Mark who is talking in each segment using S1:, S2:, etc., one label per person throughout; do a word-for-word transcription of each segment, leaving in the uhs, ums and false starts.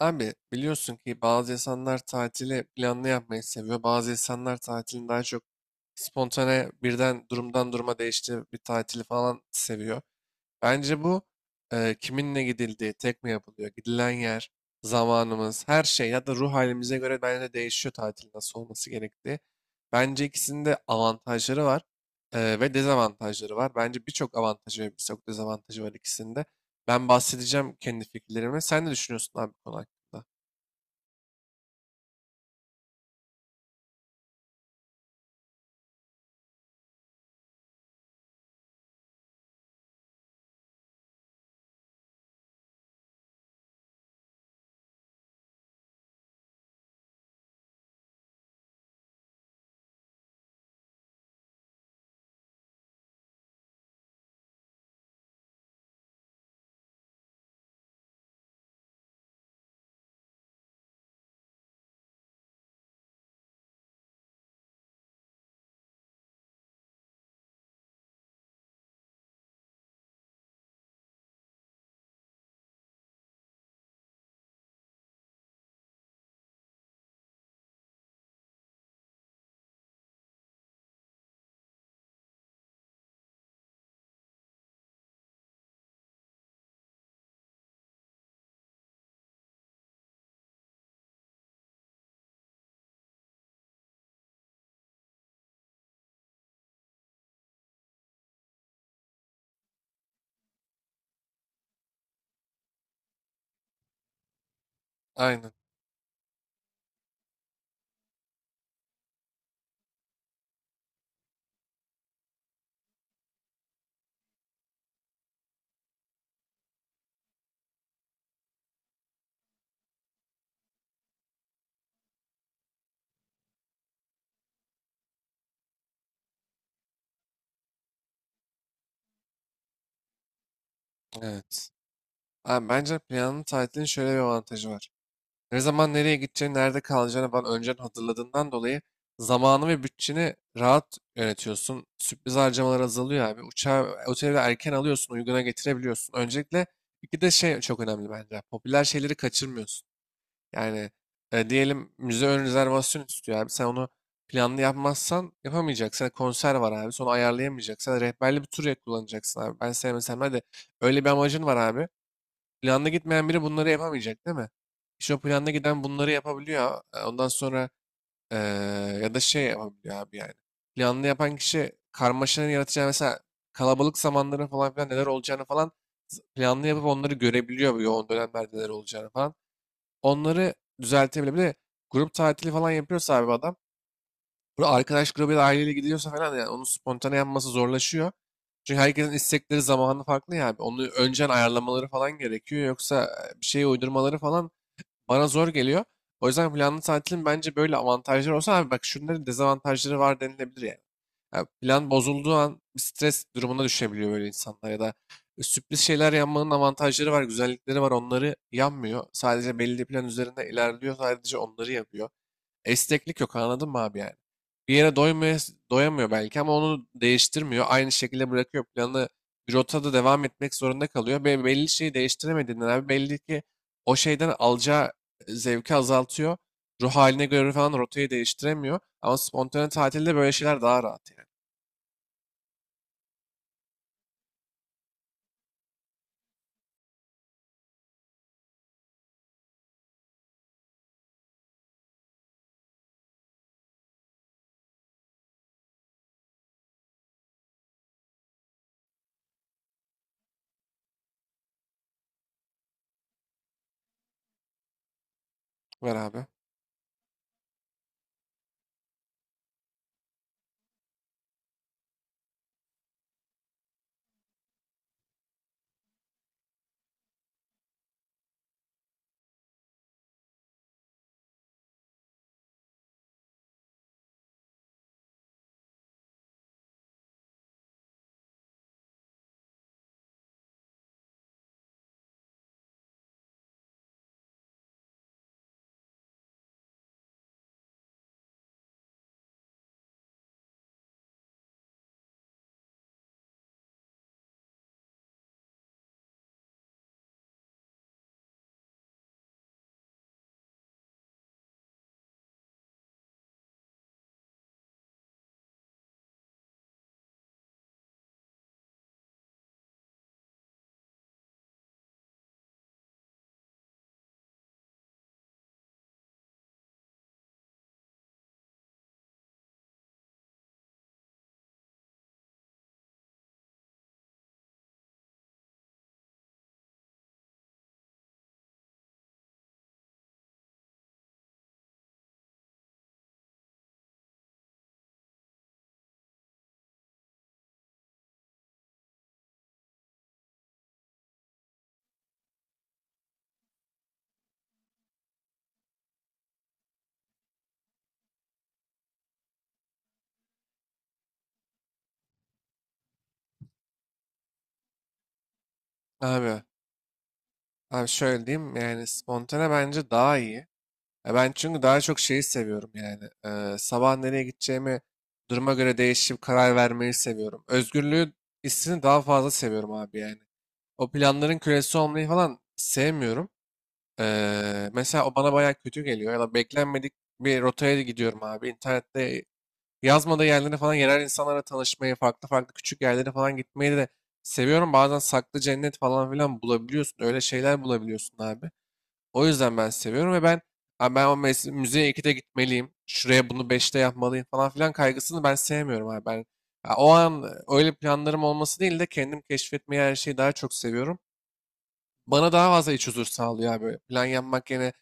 S1: Abi biliyorsun ki bazı insanlar tatili planlı yapmayı seviyor. Bazı insanlar tatilin daha çok spontane birden durumdan duruma değiştiği bir tatili falan seviyor. Bence bu e, kiminle gidildiği, tek mi yapılıyor, gidilen yer, zamanımız, her şey ya da ruh halimize göre bence de değişiyor tatil nasıl olması gerektiği. Bence ikisinin de avantajları var e, ve dezavantajları var. Bence birçok avantajı ve birçok dezavantajı var ikisinde. Ben bahsedeceğim kendi fikirlerimi. Sen ne düşünüyorsun abi bu konu hakkında? Aynen. Evet. Abi bence planlı tatilin şöyle bir avantajı var. Ne zaman nereye gideceğini, nerede kalacağını falan önceden hazırladığından dolayı zamanı ve bütçeni rahat yönetiyorsun. Sürpriz harcamalar azalıyor abi. Uçağı, oteli de erken alıyorsun, uyguna getirebiliyorsun. Öncelikle iki de şey çok önemli bence. Popüler şeyleri kaçırmıyorsun. Yani e, diyelim müze ön rezervasyon istiyor abi. Sen onu planlı yapmazsan yapamayacaksın. Yani konser var abi. Sonra ayarlayamayacaksın. Rehberli bir tur kullanacaksın abi. Ben sevmesem de öyle bir amacın var abi. Planlı gitmeyen biri bunları yapamayacak değil mi? İşte o planlı giden bunları yapabiliyor. E, ondan sonra e, ya da şey yapabiliyor abi yani. Planlı yapan kişi karmaşanın yaratacağı mesela kalabalık zamanların falan filan neler olacağını falan z- planlı yapıp onları görebiliyor bu yoğun dönemlerde neler olacağını falan. Onları düzeltebilir. Bir de grup tatili falan yapıyorsa abi bu adam burada arkadaş grubuyla aileyle gidiyorsa falan yani onun spontane yapması zorlaşıyor. Çünkü herkesin istekleri zamanı farklı ya abi. Onu önceden ayarlamaları falan gerekiyor. Yoksa e, bir şeye uydurmaları falan bana zor geliyor. O yüzden planlı tatilin bence böyle avantajları olsa abi bak şunların dezavantajları var denilebilir yani. Ya plan bozulduğu an bir stres durumuna düşebiliyor böyle insanlar ya da e, sürpriz şeyler yapmanın avantajları var, güzellikleri var. Onları yanmıyor. Sadece belli plan üzerinde ilerliyor. Sadece onları yapıyor. Esneklik yok anladın mı abi yani? Bir yere doymuyor, doyamıyor belki ama onu değiştirmiyor. Aynı şekilde bırakıyor planı bir rotada devam etmek zorunda kalıyor. Ve belli şeyi değiştiremediğinden abi belli ki o şeyden alacağı zevki azaltıyor. Ruh haline göre falan rotayı değiştiremiyor. Ama spontane tatilde böyle şeyler daha rahat yani. Ver abi. Abi, abi şöyle diyeyim yani spontane bence daha iyi. Ya ben çünkü daha çok şeyi seviyorum yani. Eee, sabah nereye gideceğimi duruma göre değişip karar vermeyi seviyorum. Özgürlüğü hissini daha fazla seviyorum abi yani. O planların kölesi olmayı falan sevmiyorum. Eee, mesela o bana bayağı kötü geliyor. Ya da beklenmedik bir rotaya gidiyorum abi. İnternette yazmadığı yerlere falan yerel insanlara tanışmayı, farklı farklı küçük yerlere falan gitmeyi de seviyorum. Bazen saklı cennet falan filan bulabiliyorsun. Öyle şeyler bulabiliyorsun abi. O yüzden ben seviyorum ve ben "Abi ben o mes- müziğe ikide gitmeliyim. Şuraya bunu beşte yapmalıyım falan filan kaygısını ben sevmiyorum abi." Ben ya o an e, öyle planlarım olması değil de kendim keşfetmeyi her şeyi daha çok seviyorum. Bana daha fazla iç huzur sağlıyor abi. Böyle plan yapmak yerine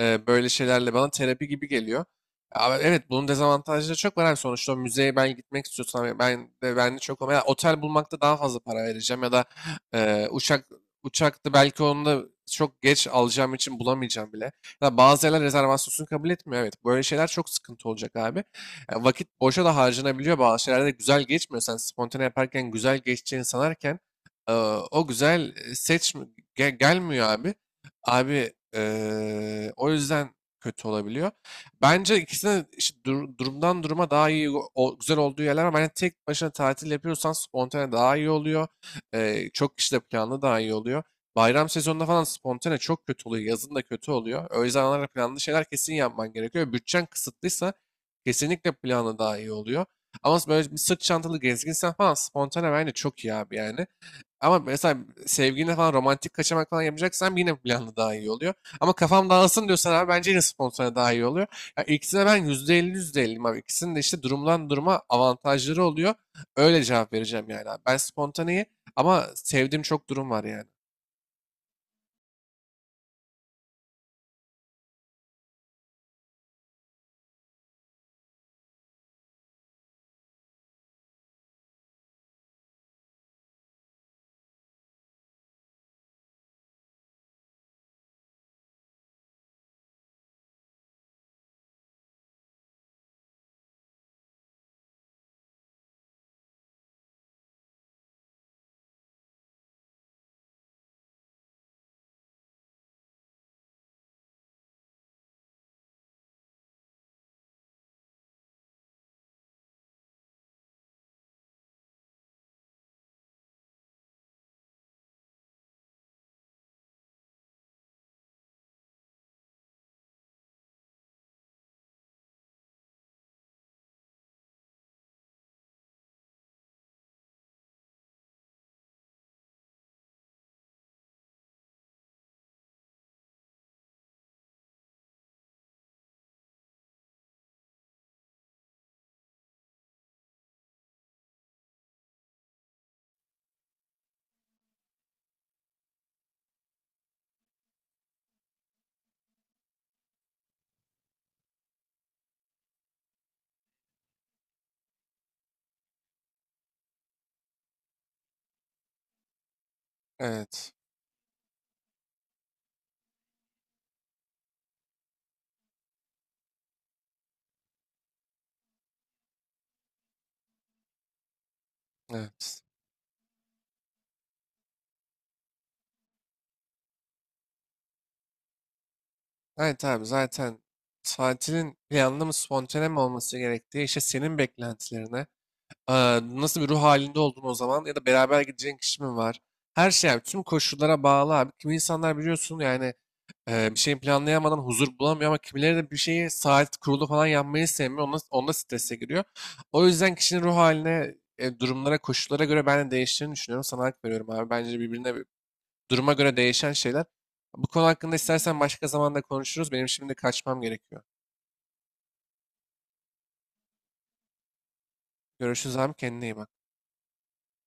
S1: e, böyle şeylerle bana terapi gibi geliyor. Ama evet bunun dezavantajları çok var abi. Sonuçta o müzeye ben gitmek istiyorsam ben de ben de çok ama ya otel bulmakta daha fazla para vereceğim ya da e, uçak uçakta belki onu da çok geç alacağım için bulamayacağım bile. Ya da bazı yerler rezervasyonsuz kabul etmiyor. Evet böyle şeyler çok sıkıntı olacak abi. Ya vakit boşa da harcanabiliyor. Bazı şeylerde de güzel geçmiyor. Sen spontane yaparken güzel geçeceğini sanarken e, o güzel e, seç gelmiyor abi. Abi eee, o yüzden kötü olabiliyor. Bence ikisine işte dur- durumdan duruma daha iyi o, o- güzel olduğu yerler var. Yani tek başına tatil yapıyorsan spontane daha iyi oluyor. Eee, çok kişi de planlı daha iyi oluyor. Bayram sezonunda falan spontane çok kötü oluyor. Yazın da kötü oluyor. Öyle zamanlarda planlı şeyler kesin yapman gerekiyor. Bütçen kısıtlıysa kesinlikle planlı daha iyi oluyor. Ama böyle bir sırt çantalı gezginsen falan spontane bence çok iyi abi yani. Ama mesela sevgiline falan romantik kaçamak falan yapacaksan yine planlı daha iyi oluyor. Ama kafam dağılsın diyorsan abi bence yine spontane daha iyi oluyor. Ya ikisine ben yüzde elli yüzde elliyim abi. İkisinin de işte durumdan duruma avantajları oluyor. Öyle cevap vereceğim yani abi. Ben spontaneyi ama sevdiğim çok durum var yani. Evet. Evet. Evet abi zaten tatilin planlı mı spontane mi olması gerektiği işte senin beklentilerine Eee, nasıl bir ruh halinde oldun o zaman ya da beraber gideceğin kişi mi var? Her şey abi tüm koşullara bağlı abi. Kimi insanlar biliyorsun yani eee, bir şeyin planlayamadan huzur bulamıyor ama kimileri de bir şeyi saat kurulu falan yapmayı sevmiyor. Onda, onda strese giriyor. O yüzden kişinin ruh haline, e, durumlara, koşullara göre ben de değiştiğini düşünüyorum. Sana hak veriyorum abi. Bence birbirine duruma göre değişen şeyler. Bu konu hakkında istersen başka zamanda konuşuruz. Benim şimdi kaçmam gerekiyor. Görüşürüz abi, kendine iyi bak.